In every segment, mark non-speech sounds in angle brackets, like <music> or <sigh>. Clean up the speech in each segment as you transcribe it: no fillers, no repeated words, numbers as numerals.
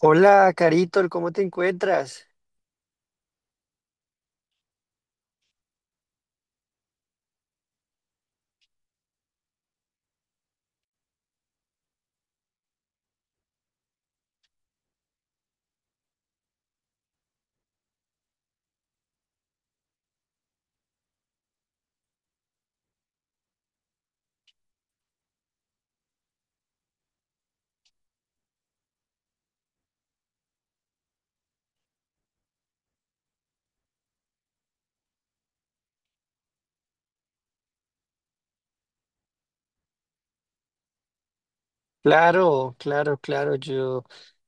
Hola, Carito, ¿cómo te encuentras? Claro, claro, claro. Yo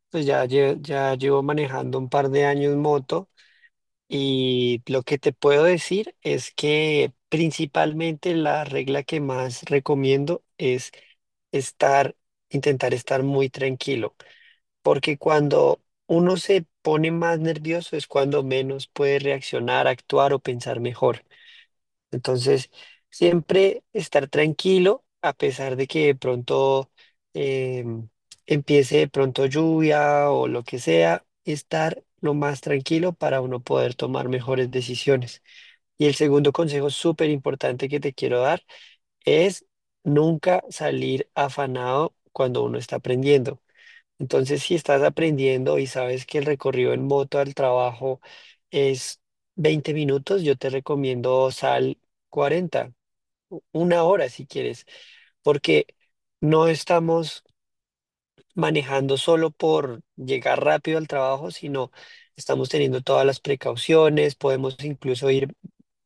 pues ya, ya llevo manejando un par de años moto y lo que te puedo decir es que principalmente la regla que más recomiendo es estar, intentar estar muy tranquilo, porque cuando uno se pone más nervioso es cuando menos puede reaccionar, actuar o pensar mejor. Entonces, siempre estar tranquilo, a pesar de que de pronto em, empiece de pronto lluvia o lo que sea, estar lo más tranquilo para uno poder tomar mejores decisiones. Y el segundo consejo súper importante que te quiero dar es nunca salir afanado cuando uno está aprendiendo. Entonces, si estás aprendiendo y sabes que el recorrido en moto al trabajo es 20 minutos, yo te recomiendo sal 40, una hora si quieres, porque no estamos manejando solo por llegar rápido al trabajo, sino estamos teniendo todas las precauciones, podemos incluso ir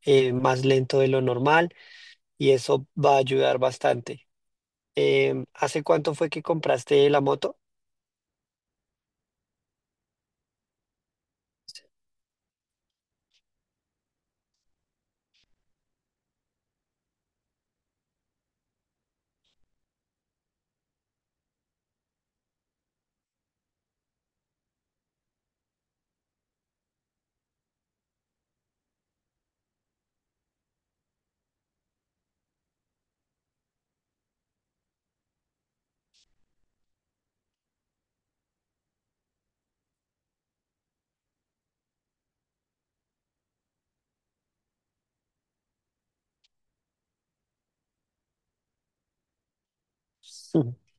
más lento de lo normal y eso va a ayudar bastante. ¿Hace cuánto fue que compraste la moto? <laughs>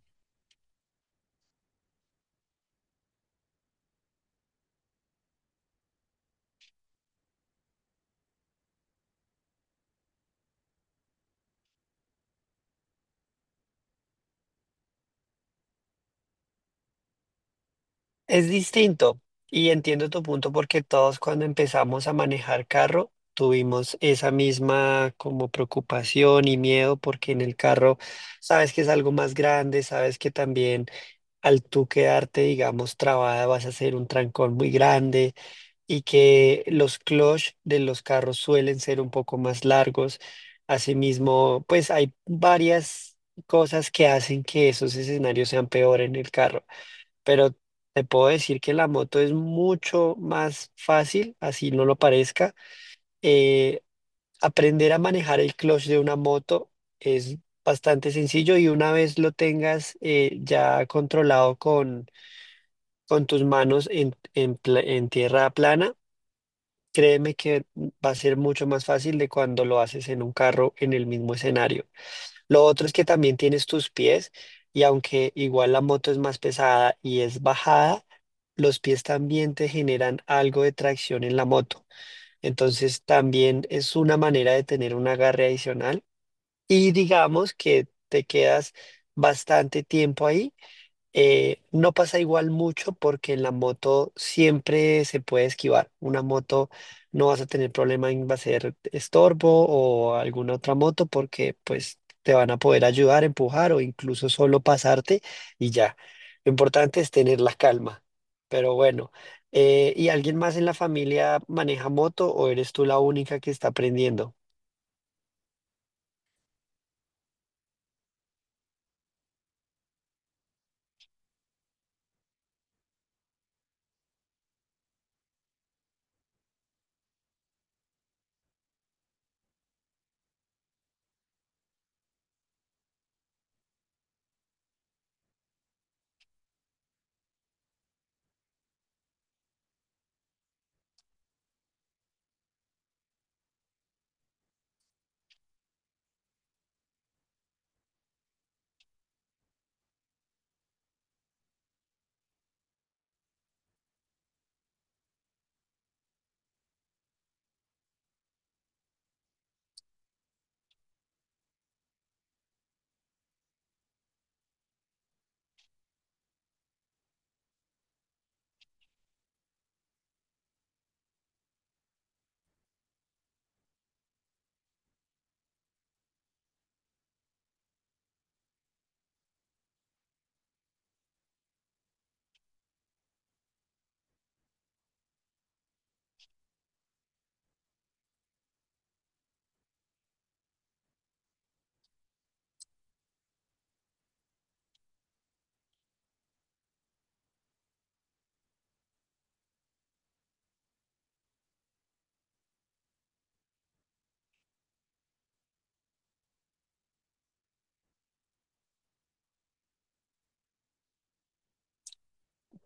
Es distinto y entiendo tu punto porque todos cuando empezamos a manejar carro tuvimos esa misma como preocupación y miedo porque en el carro sabes que es algo más grande, sabes que también al tú quedarte, digamos, trabada vas a hacer un trancón muy grande y que los clutch de los carros suelen ser un poco más largos. Asimismo, pues hay varias cosas que hacen que esos escenarios sean peor en el carro pero te puedo decir que la moto es mucho más fácil, así no lo parezca. Eh, aprender a manejar el clutch de una moto es bastante sencillo y una vez lo tengas ya controlado con tus manos en en tierra plana, créeme que va a ser mucho más fácil de cuando lo haces en un carro en el mismo escenario. Lo otro es que también tienes tus pies y aunque igual la moto es más pesada y es bajada, los pies también te generan algo de tracción en la moto. Entonces también es una manera de tener un agarre adicional y digamos que te quedas bastante tiempo ahí no pasa igual mucho porque en la moto siempre se puede esquivar. Una moto no vas a tener problema en va a ser estorbo o alguna otra moto porque pues te van a poder ayudar, empujar o incluso solo pasarte y ya. Lo importante es tener la calma. Pero bueno, ¿y alguien más en la familia maneja moto o eres tú la única que está aprendiendo?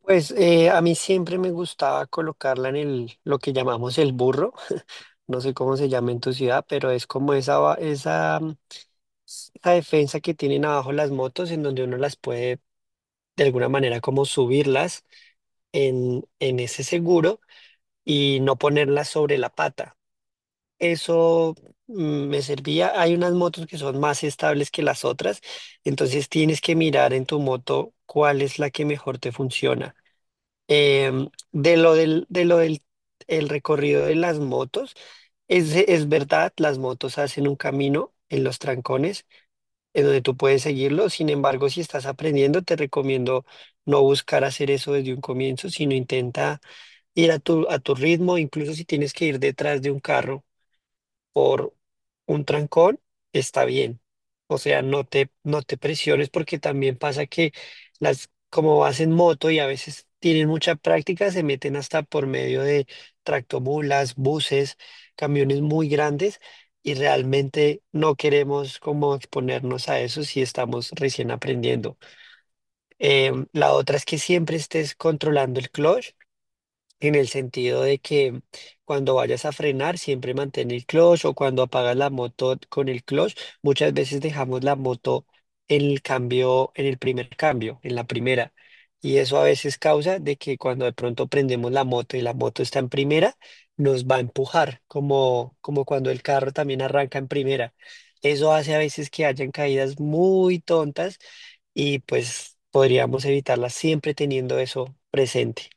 Pues a mí siempre me gustaba colocarla en el, lo que llamamos el burro. No sé cómo se llama en tu ciudad, pero es como esa, esa, esa defensa que tienen abajo las motos en donde uno las puede de alguna manera como subirlas en ese seguro y no ponerlas sobre la pata. Eso mm, me servía. Hay unas motos que son más estables que las otras, entonces tienes que mirar en tu moto cuál es la que mejor te funciona. De de lo del el recorrido de las motos, es verdad, las motos hacen un camino en los trancones en donde tú puedes seguirlo. Sin embargo, si estás aprendiendo, te recomiendo no buscar hacer eso desde un comienzo, sino intenta ir a a tu ritmo, incluso si tienes que ir detrás de un carro por un trancón, está bien. O sea, no te presiones porque también pasa que como vas en moto y a veces tienen mucha práctica, se meten hasta por medio de tractomulas, buses, camiones muy grandes y realmente no queremos como exponernos a eso si estamos recién aprendiendo. La otra es que siempre estés controlando el clutch en el sentido de que cuando vayas a frenar, siempre mantén el clutch o cuando apagas la moto con el clutch, muchas veces dejamos la moto en el cambio, en el primer cambio, en la primera. Y eso a veces causa de que cuando de pronto prendemos la moto y la moto está en primera, nos va a empujar, como, como cuando el carro también arranca en primera. Eso hace a veces que hayan caídas muy tontas y pues podríamos evitarlas siempre teniendo eso presente.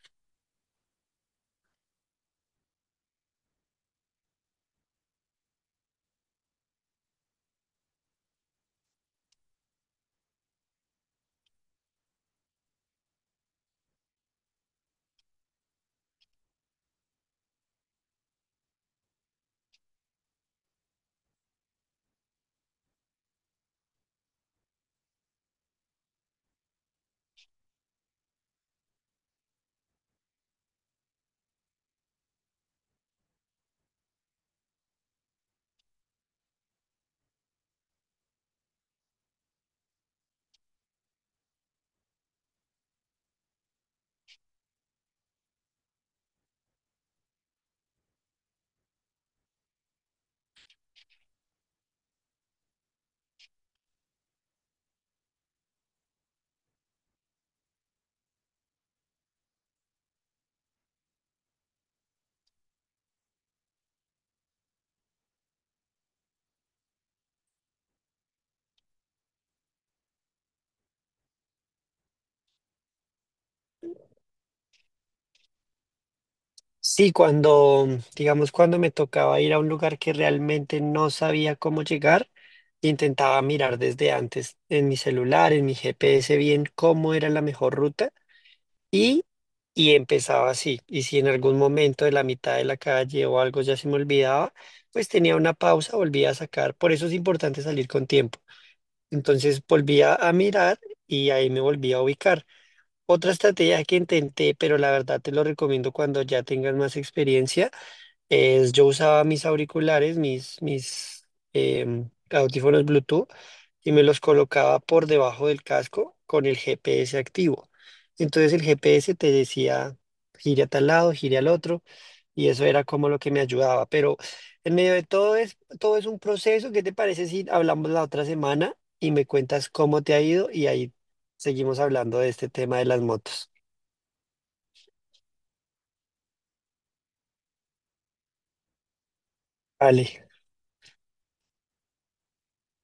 Sí, digamos, cuando me tocaba ir a un lugar que realmente no sabía cómo llegar, intentaba mirar desde antes en mi celular, en mi GPS, bien cómo era la mejor ruta y, y empezaba así. Y si en algún momento de la mitad de la calle o algo ya se me olvidaba, pues tenía una pausa, volvía a sacar. Por eso es importante salir con tiempo. Entonces volvía a mirar y ahí me volvía a ubicar. Otra estrategia que intenté, pero la verdad te lo recomiendo cuando ya tengas más experiencia es, yo usaba mis auriculares, audífonos Bluetooth, y me los colocaba por debajo del casco con el GPS activo. Entonces el GPS te decía, gire a tal lado, gire al otro, y eso era como lo que me ayudaba. Pero en medio de todo todo es un proceso. ¿Qué te parece si hablamos la otra semana y me cuentas cómo te ha ido? Y ahí seguimos hablando de este tema de las motos. Vale.